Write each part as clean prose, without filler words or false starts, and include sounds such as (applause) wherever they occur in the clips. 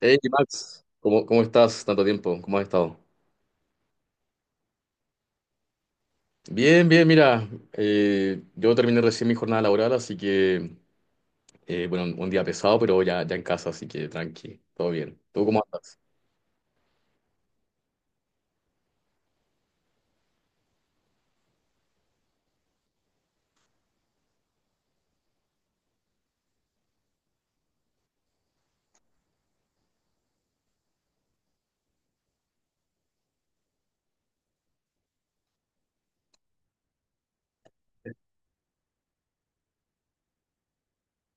Hey Max, ¿cómo estás? Tanto tiempo, ¿cómo has estado? Bien, bien, mira, yo terminé recién mi jornada laboral, así que, bueno, un día pesado, pero ya, ya en casa, así que tranqui, todo bien. ¿Tú cómo andas?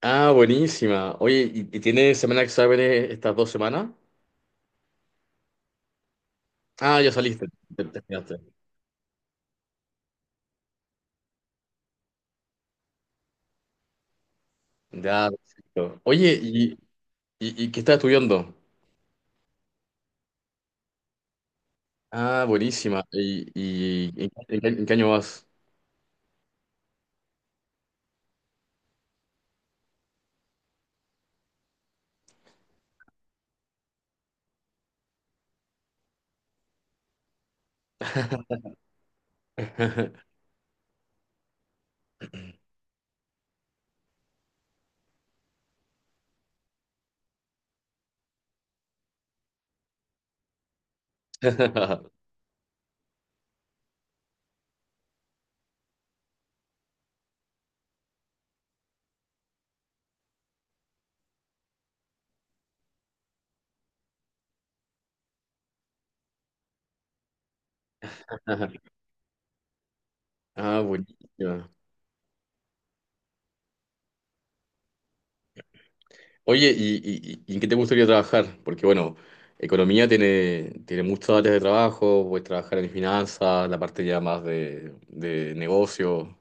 Ah, buenísima. Oye, ¿y tienes semana de exámenes estas 2 semanas? Ah, ya saliste, te terminaste. Ya, perfecto. Oye, ¿y qué estás estudiando? Ah, buenísima. ¿Y en qué en qué año vas? (laughs) (laughs) Ah, buenísima. Oye, ¿y en qué te gustaría trabajar? Porque bueno, economía tiene muchas áreas de trabajo, puedes trabajar en finanzas, la parte ya más de negocio.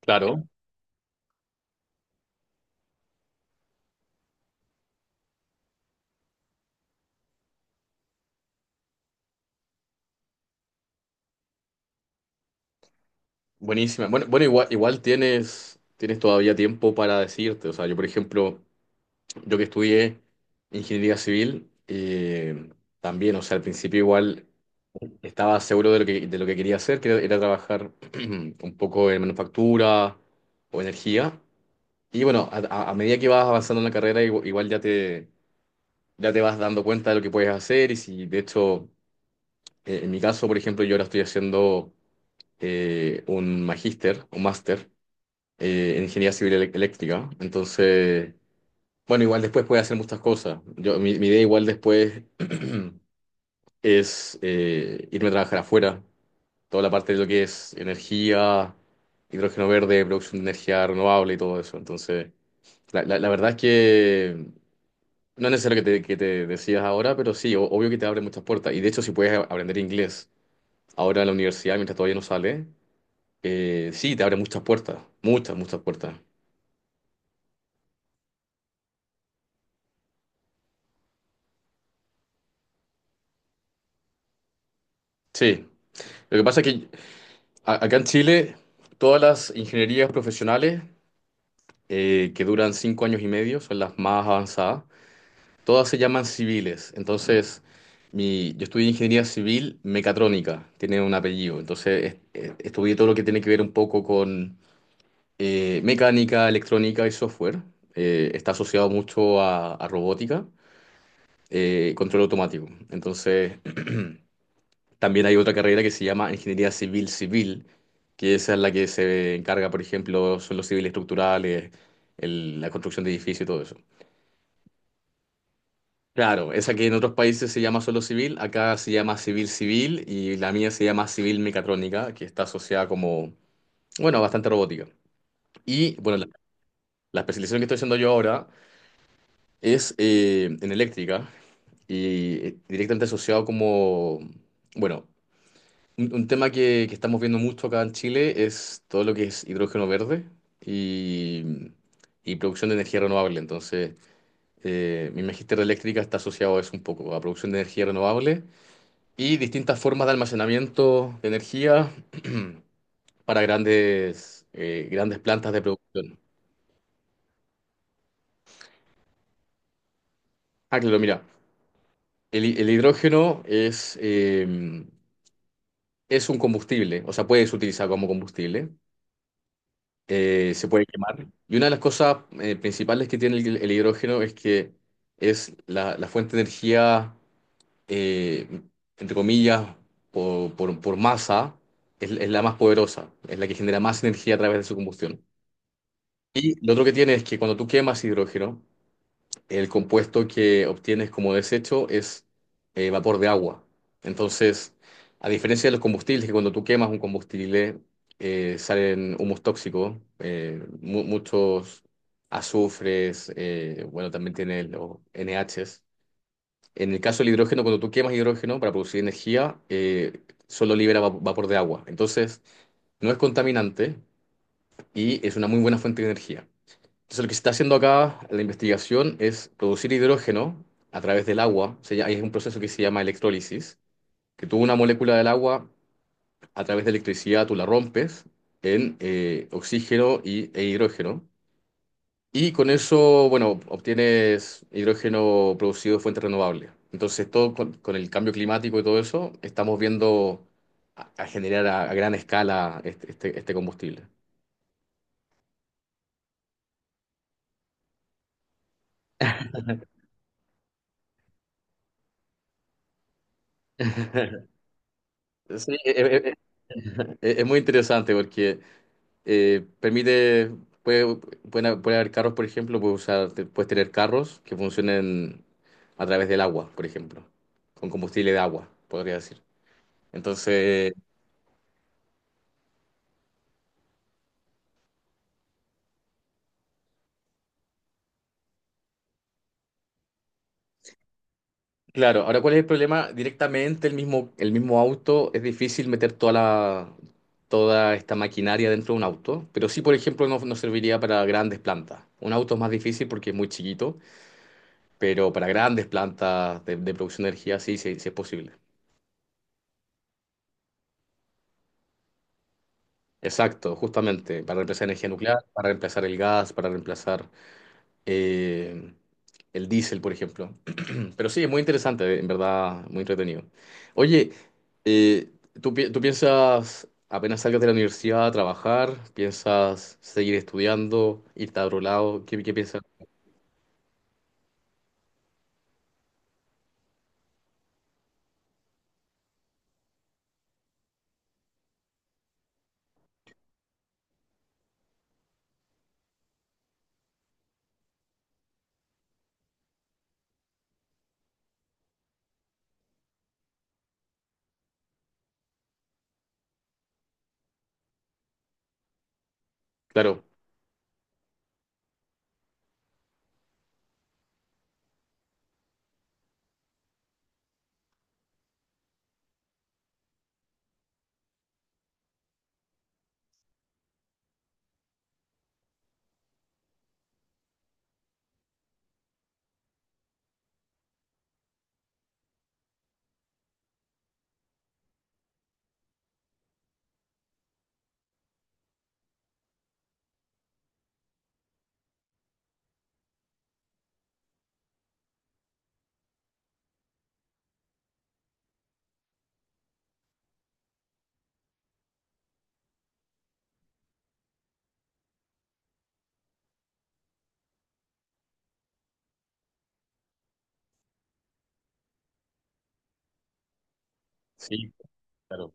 Claro, buenísima. Bueno, bueno, igual tienes todavía tiempo para decirte. O sea, yo por ejemplo, yo que estudié ingeniería civil, también, o sea, al principio igual estaba seguro de lo que quería hacer, que era, era trabajar (clears throat) un poco en manufactura o energía. Y bueno, a medida que vas avanzando en la carrera, igual, ya te vas dando cuenta de lo que puedes hacer. Y si, de hecho, en mi caso, por ejemplo, yo ahora estoy haciendo un máster en ingeniería civil eléctrica. Entonces, bueno, igual después puedes hacer muchas cosas. Mi idea igual después (clears throat) es irme a trabajar afuera. Toda la parte de lo que es energía, hidrógeno verde, producción de energía renovable y todo eso. Entonces, la verdad es que. No es necesario que te, decías ahora, pero sí, obvio que te abre muchas puertas. Y de hecho, si puedes aprender inglés ahora en la universidad, mientras todavía no sale, sí, te abre muchas puertas, muchas, muchas puertas. Sí, lo que pasa es que acá en Chile, todas las ingenierías profesionales que duran 5 años y medio son las más avanzadas, todas se llaman civiles. Entonces, yo estudié ingeniería civil mecatrónica, tiene un apellido. Entonces, estudié todo lo que tiene que ver un poco con mecánica, electrónica y software. Está asociado mucho a robótica, control automático. Entonces, también hay otra carrera que se llama ingeniería civil civil, que esa es la que se encarga, por ejemplo, son los civiles estructurales, la construcción de edificios y todo eso. Claro, esa que en otros países se llama solo civil, acá se llama civil civil y la mía se llama civil mecatrónica, que está asociada como, bueno, bastante robótica. Y bueno, la especialización que estoy haciendo yo ahora es en eléctrica y directamente asociado como, bueno, un tema que estamos viendo mucho acá en Chile es todo lo que es hidrógeno verde y, y producción de energía renovable. Entonces, mi magíster de eléctrica está asociado a eso un poco, a producción de energía renovable y distintas formas de almacenamiento de energía (clears throat) para grandes plantas de producción. Ah, claro, mira, el hidrógeno es un combustible, o sea, puedes utilizar como combustible, se puede quemar. Y una de las cosas principales que tiene el hidrógeno es que es la fuente de energía, eh, entre comillas, por masa, es la más poderosa, es la que genera más energía a través de su combustión. Y lo otro que tiene es que cuando tú quemas hidrógeno, el compuesto que obtienes como desecho es vapor de agua. Entonces, a diferencia de los combustibles, que cuando tú quemas un combustible salen humos tóxicos, muchos azufres, bueno, también tiene los NHs. En el caso del hidrógeno, cuando tú quemas hidrógeno para producir energía, solo libera vapor de agua. Entonces, no es contaminante y es una muy buena fuente de energía. Entonces, lo que se está haciendo acá, la investigación, es producir hidrógeno a través del agua. Hay un proceso que se llama electrólisis, que tú una molécula del agua, a través de electricidad, tú la rompes en oxígeno e hidrógeno. Y con eso, bueno, obtienes hidrógeno producido de fuentes renovables. Entonces, todo con el cambio climático y todo eso, estamos viendo a generar a gran escala este combustible. Sí, es muy interesante porque permite, puede, pueden- ha- puede haber carros, por ejemplo, puedes usar, puedes tener carros que funcionen a través del agua, por ejemplo, con combustible de agua, podría decir. Entonces, claro, ahora ¿cuál es el problema? Directamente el mismo auto, es difícil meter toda esta maquinaria dentro de un auto, pero sí, por ejemplo, no serviría para grandes plantas. Un auto es más difícil porque es muy chiquito, pero para grandes plantas de producción de energía sí, sí, sí es posible. Exacto, justamente, para reemplazar energía nuclear, para reemplazar el gas, para reemplazar eh, el diésel, por ejemplo. (clears throat) Pero sí, es muy interesante, en verdad, muy entretenido. Oye, eh, ¿tú piensas, apenas salgas de la universidad a trabajar, piensas seguir estudiando, irte a otro lado? ¿Qué piensas? Claro, sí, claro.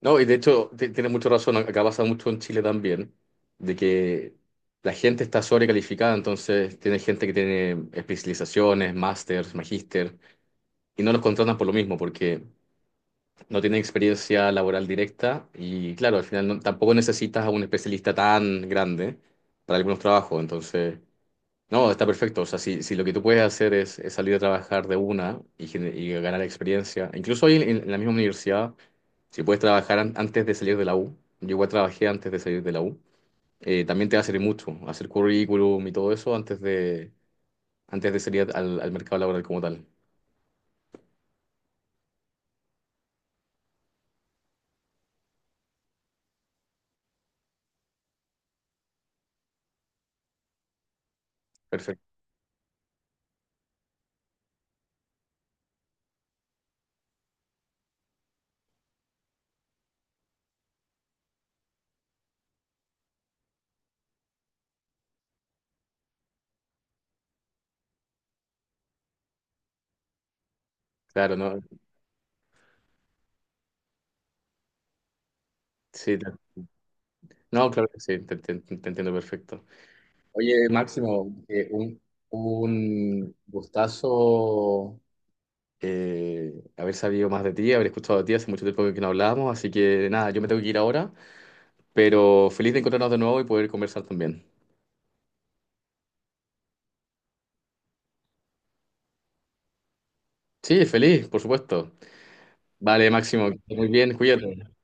No, y de hecho tiene mucho razón, acá pasa mucho en Chile también, de que la gente está sobrecalificada, entonces tiene gente que tiene especializaciones, másters, magíster, y no los contratan por lo mismo, porque no tienen experiencia laboral directa y claro, al final tampoco necesitas a un especialista tan grande para algunos trabajos, entonces... No, está perfecto. O sea, si lo que tú puedes hacer es salir a trabajar de una y ganar experiencia, incluso ahí en la misma universidad, si puedes trabajar antes de salir de la U, yo igual trabajé antes de salir de la U, también te va a servir mucho hacer currículum y todo eso antes de salir al mercado laboral como tal. Perfecto. Claro, no, sí, no, claro que sí, te entiendo perfecto. Oye, Máximo, un gustazo haber sabido más de ti, haber escuchado de ti, hace mucho tiempo que no hablábamos, así que nada, yo me tengo que ir ahora, pero feliz de encontrarnos de nuevo y poder conversar también. Sí, feliz, por supuesto. Vale, Máximo, que estés muy bien, cuídate.